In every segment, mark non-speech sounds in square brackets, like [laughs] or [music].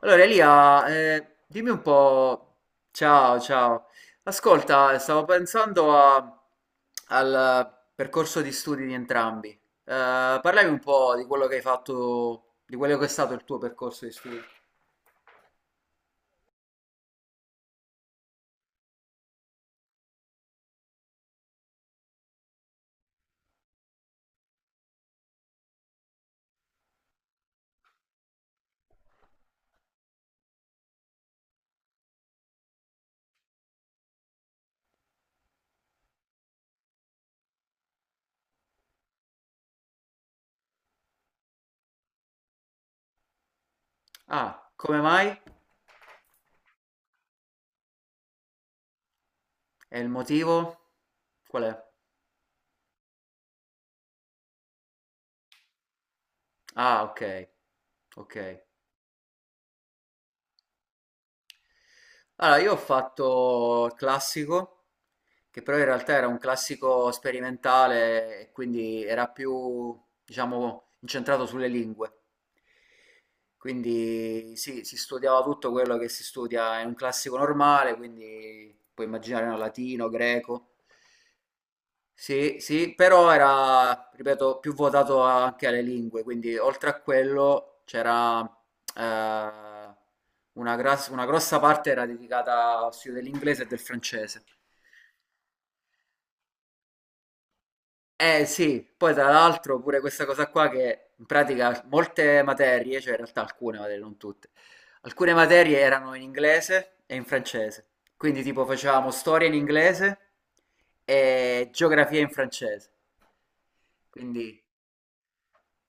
Allora Elia, dimmi un po', ciao ciao, ascolta, stavo pensando al percorso di studi di entrambi. Parlami un po' di quello che hai fatto, di quello che è stato il tuo percorso di studi. Ah, come mai? E il motivo? Qual è? Ah, ok, ok. Allora, io ho fatto il classico, che però in realtà era un classico sperimentale, e quindi era più, diciamo, incentrato sulle lingue. Quindi sì, si studiava tutto quello che si studia in un classico normale, quindi puoi immaginare no, latino, greco. Sì, sì, però era, ripeto, più votato anche alle lingue, quindi oltre a quello c'era eh, una, una grossa parte era dedicata allo studio dell'inglese e del francese. Eh sì, poi tra l'altro pure questa cosa qua che in pratica molte materie, cioè in realtà alcune materie, non tutte, alcune materie erano in inglese e in francese, quindi tipo facevamo storia in inglese e geografia in francese, quindi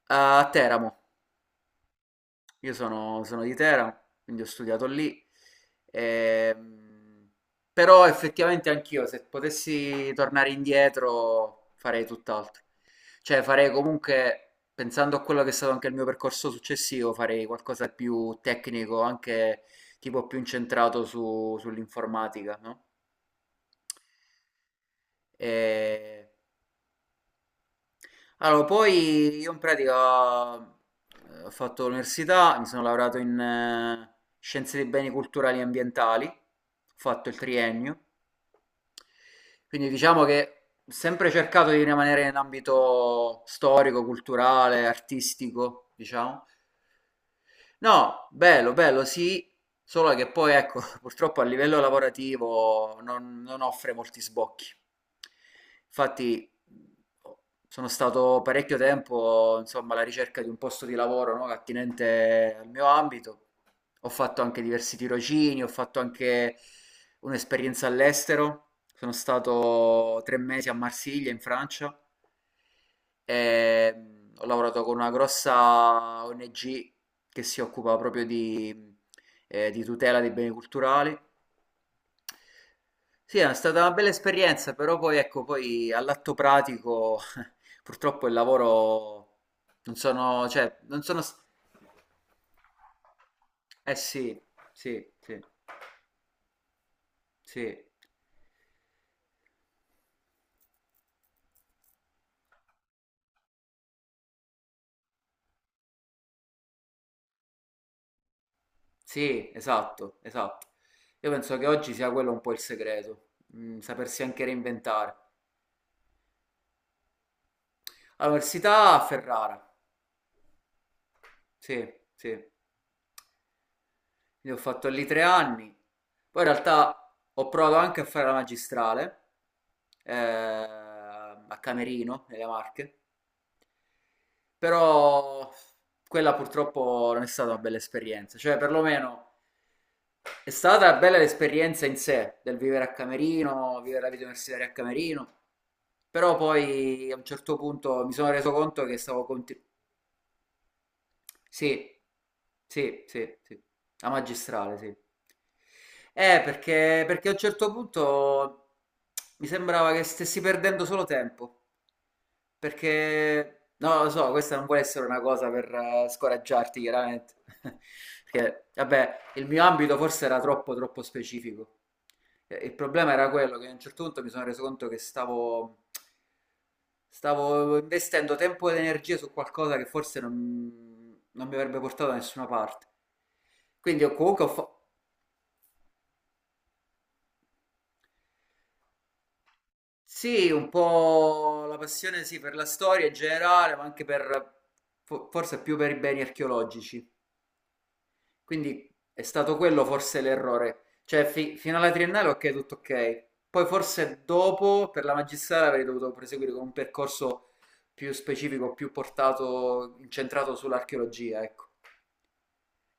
eh, a Teramo. Sono di Teramo, quindi ho studiato lì. Ehm, però effettivamente anch'io, se potessi tornare indietro, farei tutt'altro. Cioè farei comunque, pensando a quello che è stato anche il mio percorso successivo, farei qualcosa di più tecnico, anche tipo più incentrato sull'informatica, no? E allora, poi io in pratica ho fatto l'università, mi sono laureato in scienze dei beni culturali e ambientali, ho fatto il triennio, quindi diciamo che ho sempre cercato di rimanere in ambito storico, culturale, artistico, diciamo. No, bello, bello, sì, solo che poi ecco, [laughs] purtroppo a livello lavorativo non offre molti sbocchi. Infatti sono stato parecchio tempo, insomma, alla ricerca di un posto di lavoro, no, attinente al mio ambito. Ho fatto anche diversi tirocini, ho fatto anche un'esperienza all'estero. Sono stato 3 mesi a Marsiglia, in Francia. Ho lavorato con una grossa ONG che si occupa proprio di tutela dei beni culturali. Sì, è stata una bella esperienza, però poi ecco, poi all'atto pratico [laughs] purtroppo il lavoro non sono, cioè, non sono, s- eh sì, sì, sì, sì, sì, esatto, esatto. Io penso che oggi sia quello un po' il segreto, sapersi anche reinventare. All'università a Ferrara. Sì, sì. Quindi ho fatto lì 3 anni. Poi in realtà ho provato anche a fare la magistrale a Camerino, nelle Marche, però quella purtroppo non è stata una bella esperienza. Cioè, perlomeno è stata bella l'esperienza in sé del vivere a Camerino, vivere la vita universitaria a Camerino, però poi a un certo punto mi sono reso conto che stavo continuando. Sì, sì, sì, sì. La magistrale, sì. Perché a un certo punto mi sembrava che stessi perdendo solo tempo. Perché, no, lo so, questa non vuole essere una cosa per scoraggiarti, chiaramente. [laughs] Perché, vabbè, il mio ambito forse era troppo, troppo specifico. Il problema era quello che a un certo punto mi sono reso conto che stavo, stavo investendo tempo ed energie su qualcosa che forse non mi avrebbe portato da nessuna parte. Comunque sì, un po' la passione sì, per la storia in generale, ma anche per... forse più per i beni archeologici. Quindi è stato quello forse l'errore. Cioè, fino alla triennale ok, tutto ok. Poi forse dopo, per la magistrale, avrei dovuto proseguire con un percorso più specifico, più portato, incentrato sull'archeologia, ecco.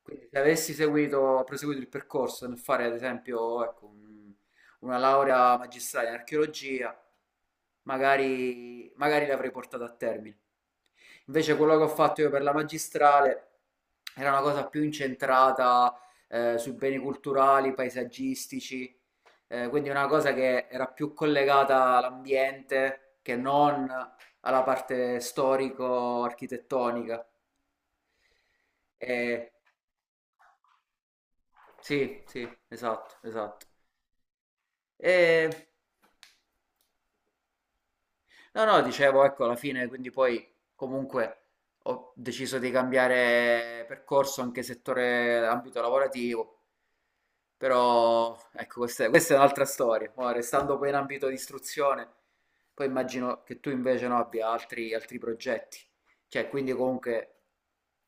Quindi se avessi seguito, proseguito il percorso nel fare ad esempio ecco, una laurea magistrale in archeologia, magari, magari l'avrei portata a termine. Invece quello che ho fatto io per la magistrale era una cosa più incentrata su beni culturali, paesaggistici, quindi una cosa che era più collegata all'ambiente che non alla parte storico-architettonica. E sì, sì, esatto, esatto. E no, no, dicevo, ecco, alla fine, quindi poi comunque ho deciso di cambiare percorso anche settore, ambito lavorativo, però ecco, questa è un'altra storia. Ora, restando poi in ambito di istruzione, poi immagino che tu invece no, abbia altri progetti. Cioè, quindi comunque,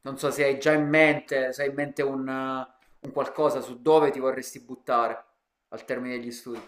non so se hai già in mente, se hai in mente un qualcosa su dove ti vorresti buttare al termine degli studi.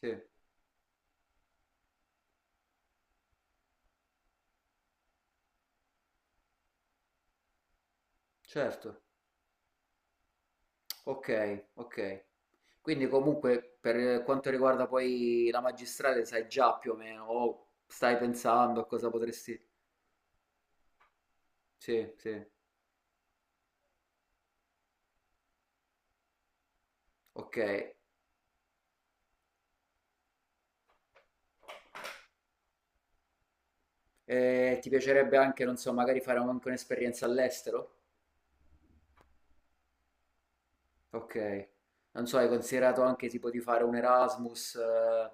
Sì, certo. Ok, ok. Quindi comunque per quanto riguarda poi la magistrale sai già più o meno, o stai pensando a cosa potresti... Sì, sì, ok. E ti piacerebbe anche, non so, magari fare anche un'esperienza all'estero? Ok. Non so, hai considerato anche tipo di fare un Erasmus?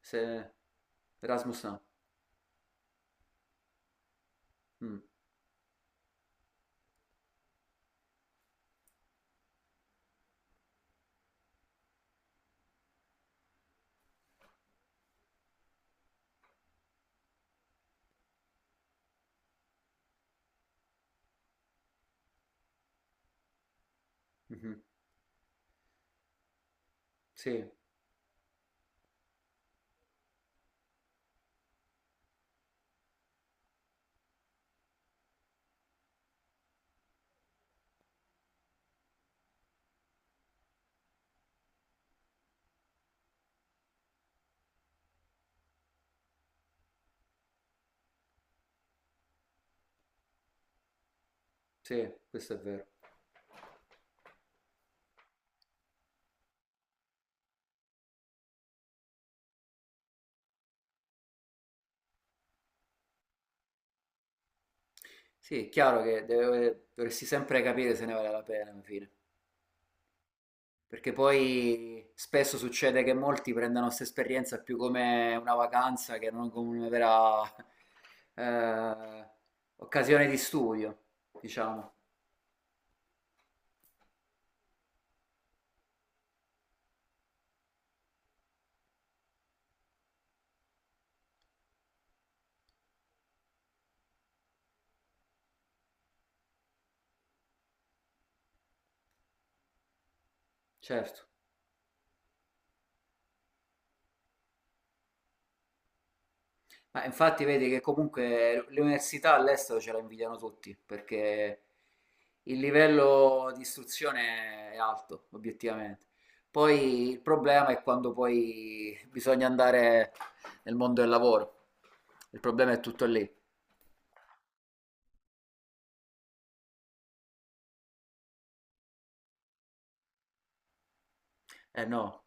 Se... Erasmus no. Mm, mhm. Sì, sì, questo è vero. Sì, è chiaro che dovresti sempre capire se ne vale la pena alla fine, perché poi spesso succede che molti prendano questa esperienza più come una vacanza che non come una vera [laughs] eh, occasione di studio, diciamo, certo. Ma infatti vedi che comunque le università all'estero ce la invidiano tutti, perché il livello di istruzione è alto, obiettivamente. Poi il problema è quando poi bisogna andare nel mondo del lavoro. Il problema è tutto lì. Eh no,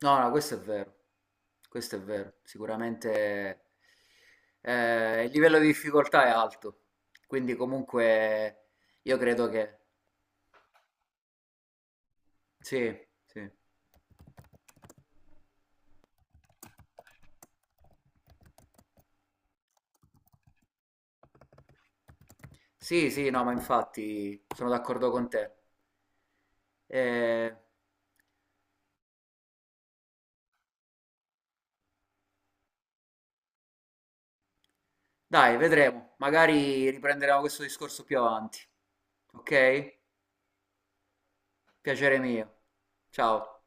no, no, questo è vero. Questo è vero. Sicuramente il livello di difficoltà è alto. Quindi comunque io credo che... Sì, sì. Sì, sì, no, ma infatti sono d'accordo con te. Eh, dai, vedremo. Magari riprenderemo questo discorso più avanti. Ok? Piacere mio. Ciao.